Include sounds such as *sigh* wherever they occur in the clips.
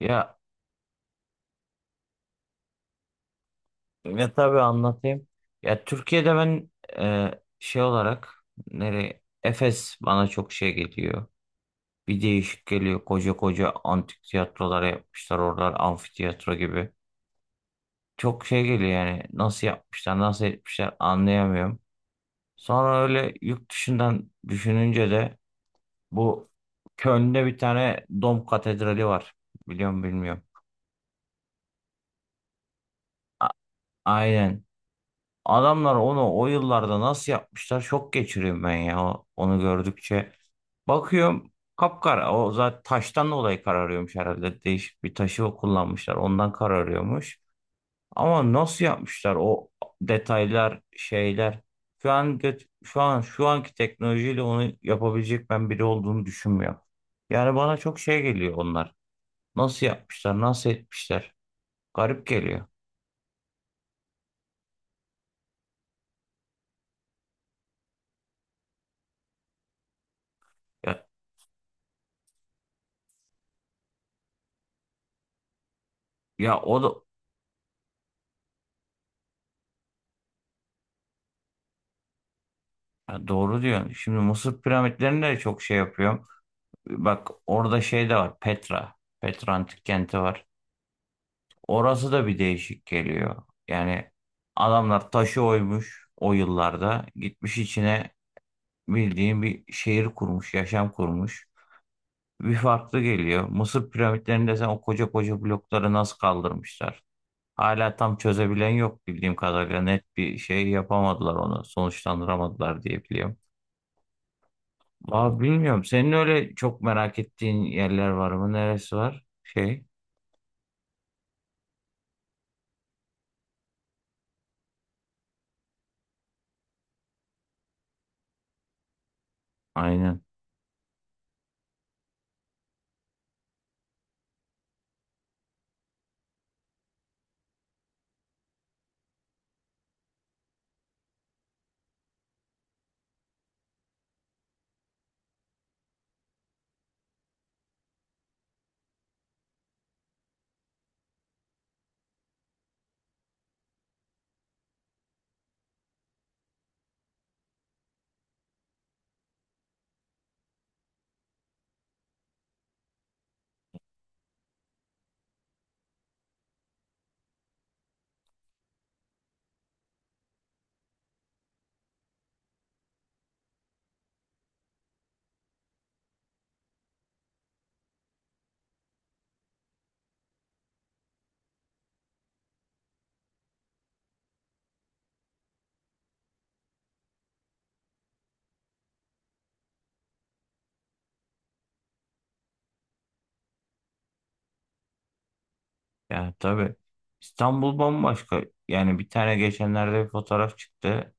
Ya ya, tabii anlatayım. Ya Türkiye'de ben, e, şey olarak nereye Efes bana çok şey geliyor. Bir değişik geliyor. Koca koca antik tiyatrolar yapmışlar. Oralar amfiteyatro gibi. Çok şey geliyor yani. Nasıl yapmışlar, nasıl etmişler anlayamıyorum. Sonra öyle yurt dışından düşününce de bu Köln'de bir tane Dom Katedrali var. Biliyorum bilmiyorum. A- aynen. Adamlar onu o yıllarda nasıl yapmışlar, şok geçiriyorum ben ya onu gördükçe. Bakıyorum kapkara, o zaten taştan dolayı kararıyormuş herhalde, değişik bir taşı kullanmışlar ondan kararıyormuş. Ama nasıl yapmışlar o detaylar, şeyler. Şu an şu anki teknolojiyle onu yapabilecek ben biri olduğunu düşünmüyorum. Yani bana çok şey geliyor onlar. Nasıl yapmışlar, nasıl etmişler? Garip geliyor. Ya, ya o da. Ha, doğru diyorsun. Şimdi Mısır piramitlerinde de çok şey yapıyorum. Bak orada şey de var. Petra. Petra antik kenti var. Orası da bir değişik geliyor. Yani adamlar taşı oymuş o yıllarda. Gitmiş içine bildiğin bir şehir kurmuş, yaşam kurmuş. Bir farklı geliyor. Mısır piramitlerinde sen o koca koca blokları nasıl kaldırmışlar? Hala tam çözebilen yok bildiğim kadarıyla. Net bir şey yapamadılar onu. Sonuçlandıramadılar diye biliyorum. Abi bilmiyorum. Senin öyle çok merak ettiğin yerler var mı? Neresi var? Şey. Aynen. Ya tabii. İstanbul bambaşka. Yani bir tane geçenlerde bir fotoğraf çıktı.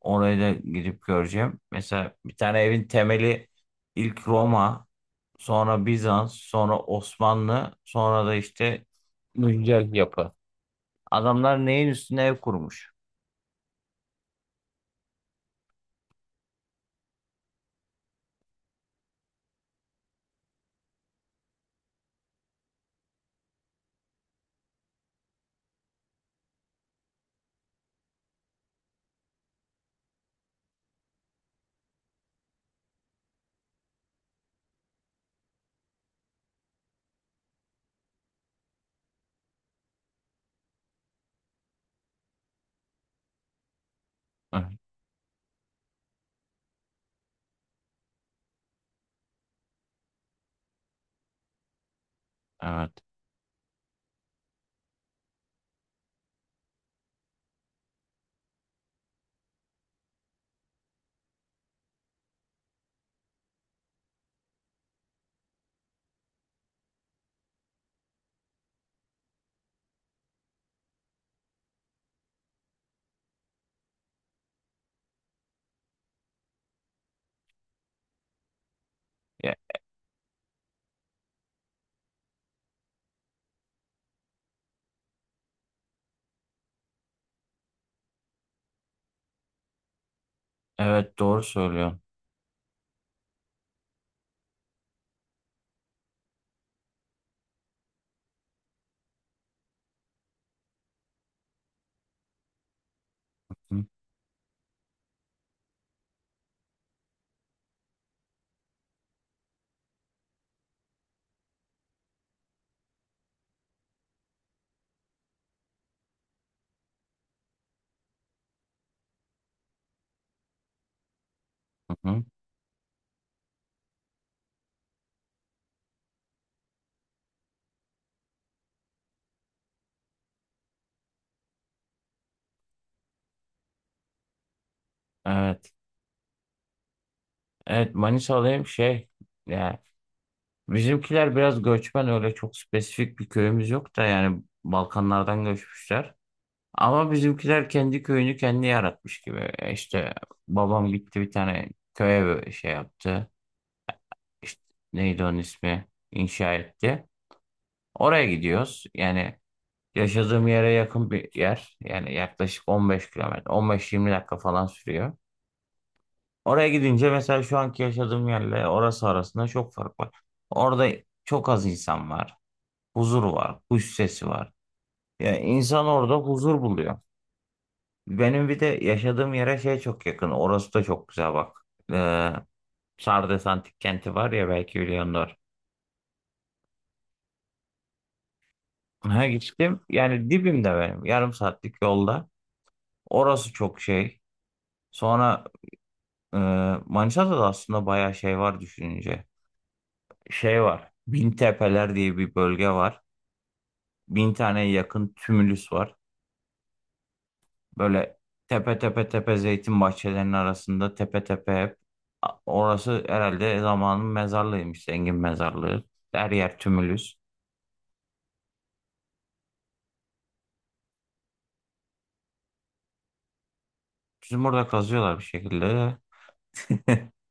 Orayı da gidip göreceğim. Mesela bir tane evin temeli ilk Roma, sonra Bizans, sonra Osmanlı, sonra da işte güncel yapı. Adamlar neyin üstüne ev kurmuş? Hı. Evet. Ya, evet doğru söylüyorsun. Hı, hı hı. Evet. Evet, Manisa'dayım. Şey, yani bizimkiler biraz göçmen, öyle çok spesifik bir köyümüz yok da, yani Balkanlardan göçmüşler. Ama bizimkiler kendi köyünü kendi yaratmış gibi. E İşte babam gitti bir tane köye, böyle şey yaptı. İşte neydi onun ismi? İnşa etti. Oraya gidiyoruz. Yani yaşadığım yere yakın bir yer. Yani yaklaşık 15 kilometre, 15-20 dakika falan sürüyor. Oraya gidince mesela şu anki yaşadığım yerle orası arasında çok fark var. Orada çok az insan var. Huzur var. Kuş sesi var. Yani insan orada huzur buluyor. Benim bir de yaşadığım yere şey çok yakın. Orası da çok güzel bak. Ee, Sardes Antik Kenti var ya, belki biliyorsunuz. Ha gittim. Yani dibimde benim. Yarım saatlik yolda. Orası çok şey. Sonra e, Manisa'da da aslında bayağı şey var düşününce. Şey var. Bintepeler diye bir bölge var. Bin taneye yakın tümülüs var. Böyle tepe tepe tepe, zeytin bahçelerinin arasında tepe tepe hep. Orası herhalde zamanın mezarlığıymış, zengin mezarlığı. Her yer tümülüs. Bizim burada kazıyorlar bir şekilde. *laughs*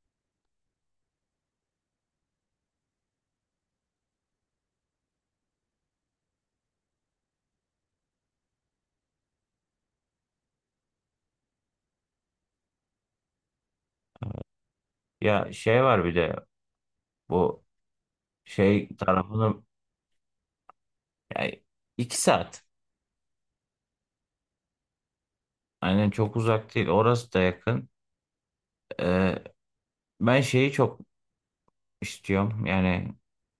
Ya şey var bir de bu şey tarafını, yani iki saat. Aynen, çok uzak değil. Orası da yakın. Ee, ben şeyi çok istiyorum. Yani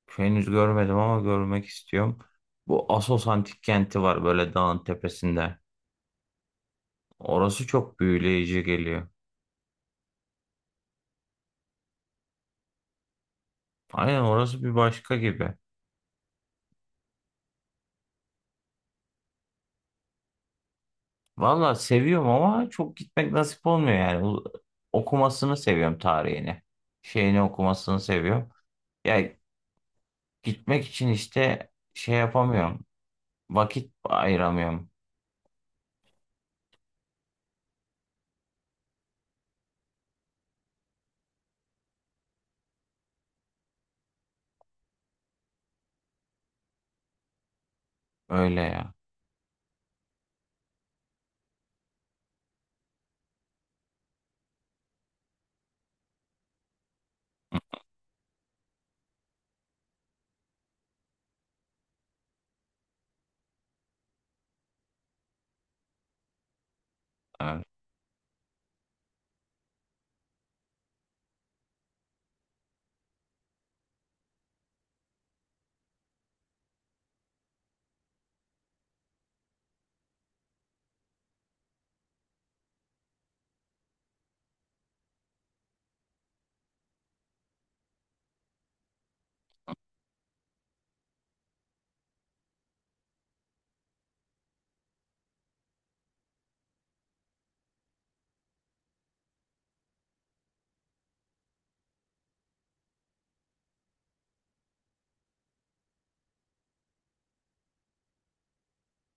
henüz görmedim ama görmek istiyorum. Bu Assos Antik Kenti var böyle dağın tepesinde. Orası çok büyüleyici geliyor. Aynen, orası bir başka gibi. Valla seviyorum ama çok gitmek nasip olmuyor yani. Okumasını seviyorum, tarihini. Şeyini okumasını seviyorum. Ya gitmek için işte şey yapamıyorum. Vakit ayıramıyorum. Öyle ya. Evet.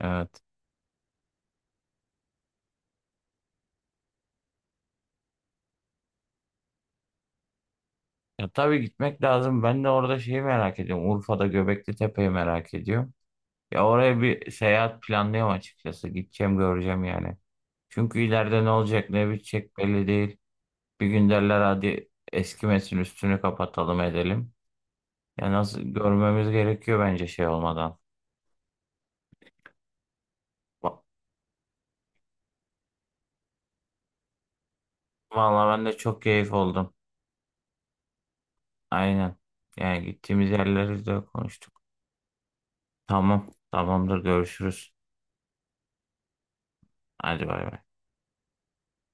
Evet. Ya tabii gitmek lazım. Ben de orada şeyi merak ediyorum. Urfa'da Göbekli Tepe'yi merak ediyorum. Ya oraya bir seyahat planlıyorum açıkçası. Gideceğim, göreceğim yani. Çünkü ileride ne olacak ne bitecek belli değil. Bir gün derler hadi eskimesin üstünü kapatalım edelim. Ya nasıl, görmemiz gerekiyor bence şey olmadan. Va- Vallahi ben de çok keyif oldum. Aynen. Yani gittiğimiz yerleri de konuştuk. Tamam. Tamamdır, görüşürüz. Hadi bay bay.